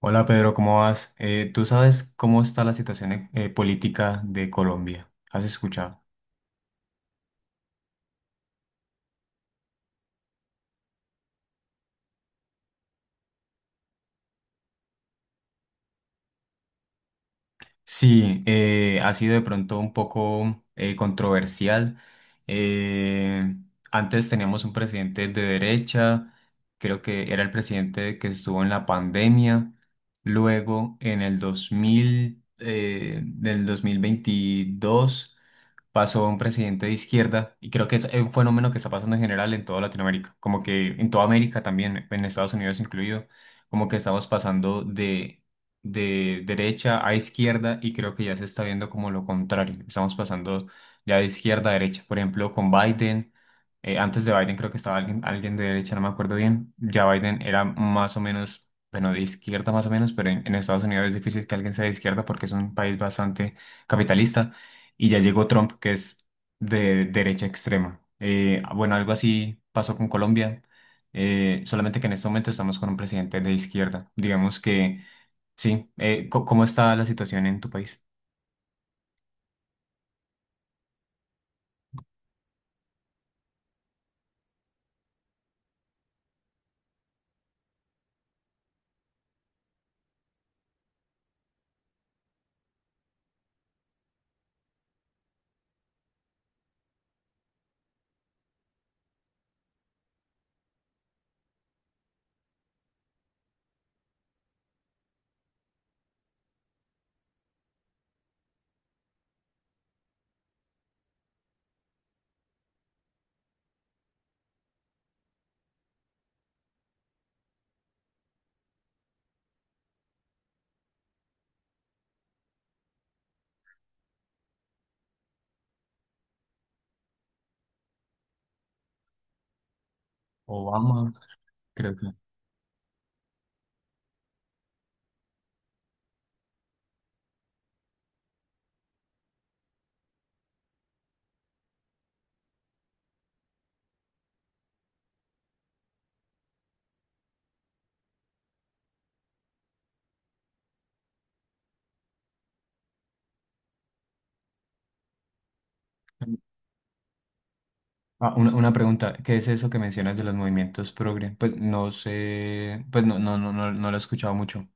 Hola Pedro, ¿cómo vas? ¿Tú sabes cómo está la situación política de Colombia? ¿Has escuchado? Sí, ha sido de pronto un poco controversial. Eh, Antes teníamos un presidente de derecha, creo que era el presidente que estuvo en la pandemia. Luego, en el 2000, del 2022. Pasó un presidente de izquierda y creo que es un fenómeno que está pasando en general en toda Latinoamérica, como que en toda América también, en Estados Unidos incluido, como que estamos pasando de derecha a izquierda y creo que ya se está viendo como lo contrario, estamos pasando ya de izquierda a derecha, por ejemplo, con Biden. Antes de Biden creo que estaba alguien de derecha, no me acuerdo bien. Ya Biden era más o menos, bueno, de izquierda más o menos, pero en Estados Unidos es difícil que alguien sea de izquierda porque es un país bastante capitalista y ya llegó Trump, que es de derecha extrema. Bueno, algo así pasó con Colombia, solamente que en este momento estamos con un presidente de izquierda. Digamos que sí. ¿Cómo está la situación en tu país? Obama, creo que. Ah, una pregunta, ¿qué es eso que mencionas de los movimientos progre? Pues no sé, pues no, lo he escuchado mucho.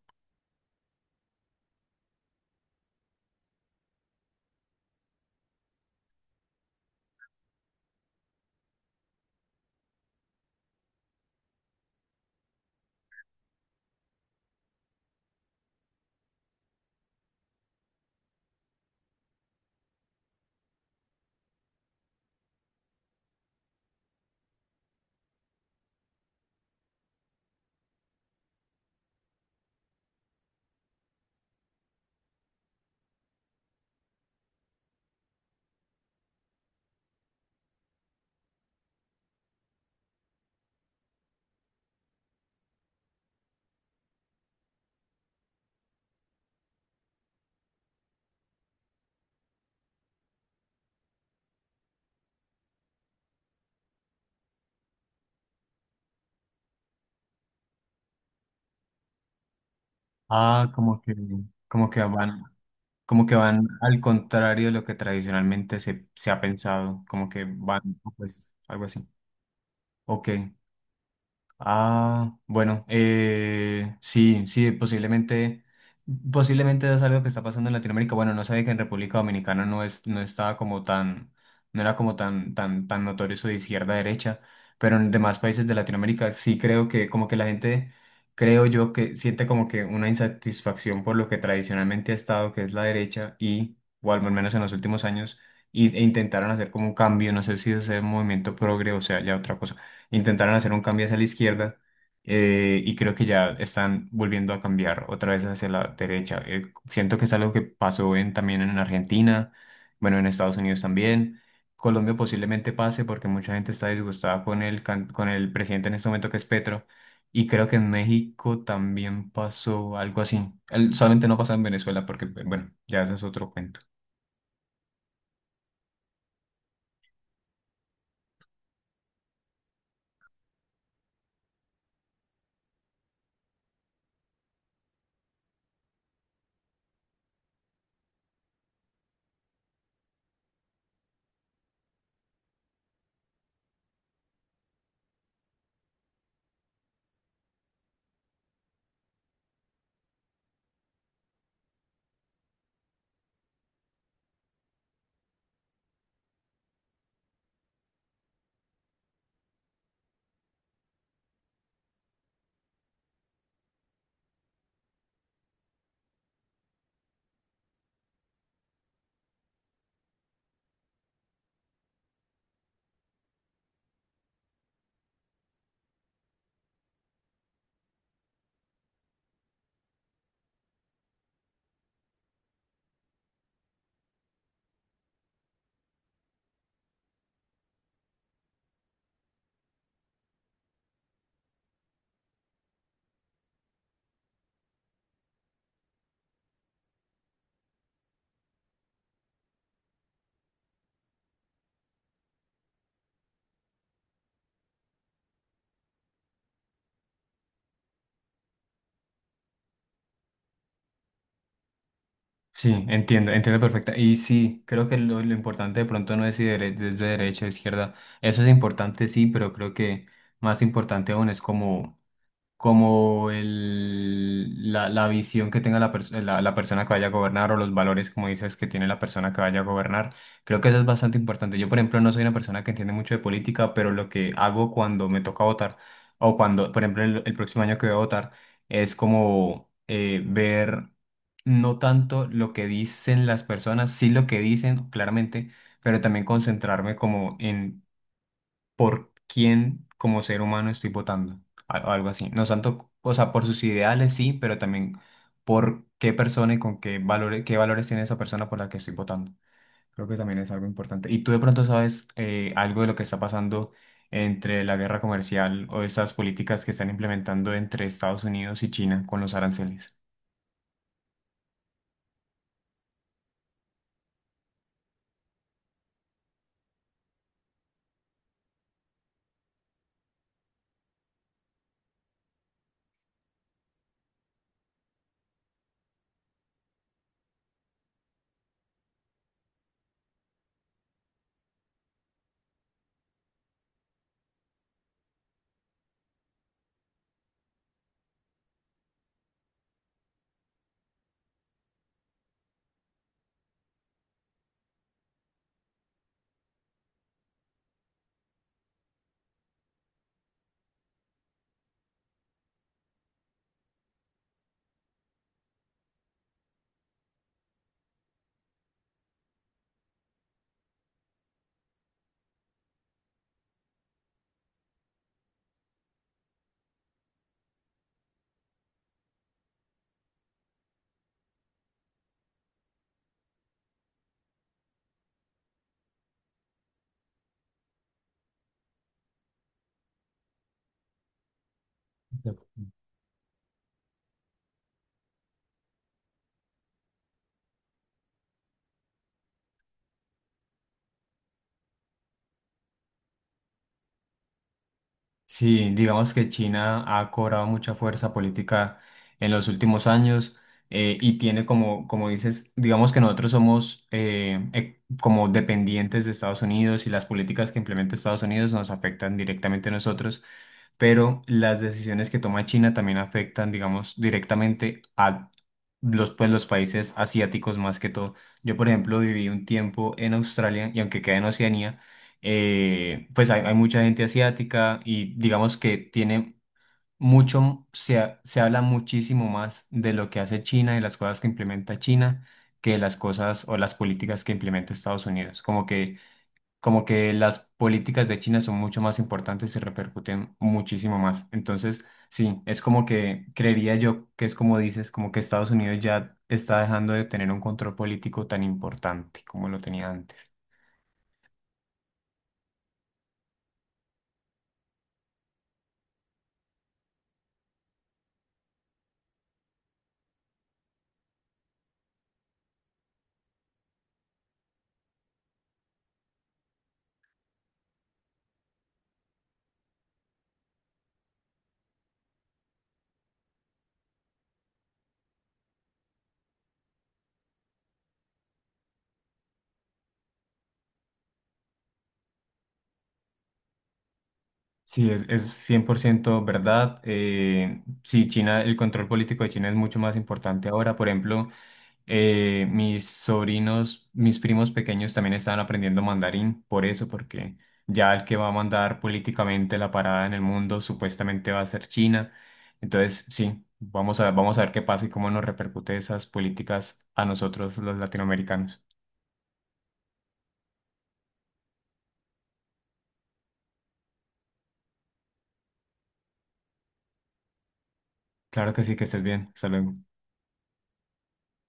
Ah, como que van. Como que van al contrario de lo que tradicionalmente se ha pensado, como que van opuestos, algo así. Ok. Ah, bueno, sí, posiblemente, posiblemente es algo que está pasando en Latinoamérica. Bueno, no sabía que en República Dominicana no estaba como tan, no era como tan notorio eso de izquierda a derecha, pero en demás países de Latinoamérica sí creo que como que creo yo que siente como que una insatisfacción por lo que tradicionalmente ha estado, que es la derecha y, o al menos en los últimos años, e intentaron hacer como un cambio, no sé si es el movimiento progre o sea ya otra cosa, intentaron hacer un cambio hacia la izquierda. Y creo que ya están volviendo a cambiar otra vez hacia la derecha. Siento que es algo que también en Argentina, bueno, en Estados Unidos también. Colombia posiblemente pase porque mucha gente está disgustada con con el presidente en este momento que es Petro. Y creo que en México también pasó algo así. Solamente no pasó en Venezuela porque, bueno, ya ese es otro cuento. Sí, entiendo, entiendo perfecta. Y sí, creo que lo importante de pronto no es si de derecha o izquierda. Eso es importante, sí, pero creo que más importante aún es la visión que tenga la persona que vaya a gobernar o los valores, como dices, que tiene la persona que vaya a gobernar. Creo que eso es bastante importante. Yo, por ejemplo, no soy una persona que entiende mucho de política, pero lo que hago cuando me toca votar o cuando, por ejemplo, el próximo año que voy a votar es como ver no tanto lo que dicen las personas, sí lo que dicen, claramente, pero también concentrarme como en por quién como ser humano estoy votando, algo así. No tanto, o sea, por sus ideales sí, pero también por qué persona y con qué valores tiene esa persona por la que estoy votando. Creo que también es algo importante. ¿Y tú de pronto sabes algo de lo que está pasando entre la guerra comercial o estas políticas que están implementando entre Estados Unidos y China con los aranceles? Sí, digamos que China ha cobrado mucha fuerza política en los últimos años, y tiene como, como dices, digamos que nosotros somos como dependientes de Estados Unidos y las políticas que implementa Estados Unidos nos afectan directamente a nosotros, pero las decisiones que toma China también afectan, digamos, directamente a pues, los países asiáticos más que todo. Yo, por ejemplo, viví un tiempo en Australia y aunque queda en Oceanía, pues hay mucha gente asiática y digamos que tiene se habla muchísimo más de lo que hace China y las cosas que implementa China que de las cosas o las políticas que implementa Estados Unidos. Como que las políticas de China son mucho más importantes y repercuten muchísimo más. Entonces, sí, es como que creería yo que es como dices, como que Estados Unidos ya está dejando de tener un control político tan importante como lo tenía antes. Sí, es 100% verdad. Sí, China, el control político de China es mucho más importante ahora. Por ejemplo, mis sobrinos, mis primos pequeños también estaban aprendiendo mandarín, por eso, porque ya el que va a mandar políticamente la parada en el mundo supuestamente va a ser China. Entonces, sí, vamos a ver qué pasa y cómo nos repercute esas políticas a nosotros los latinoamericanos. Claro que sí, que estés bien. Hasta luego.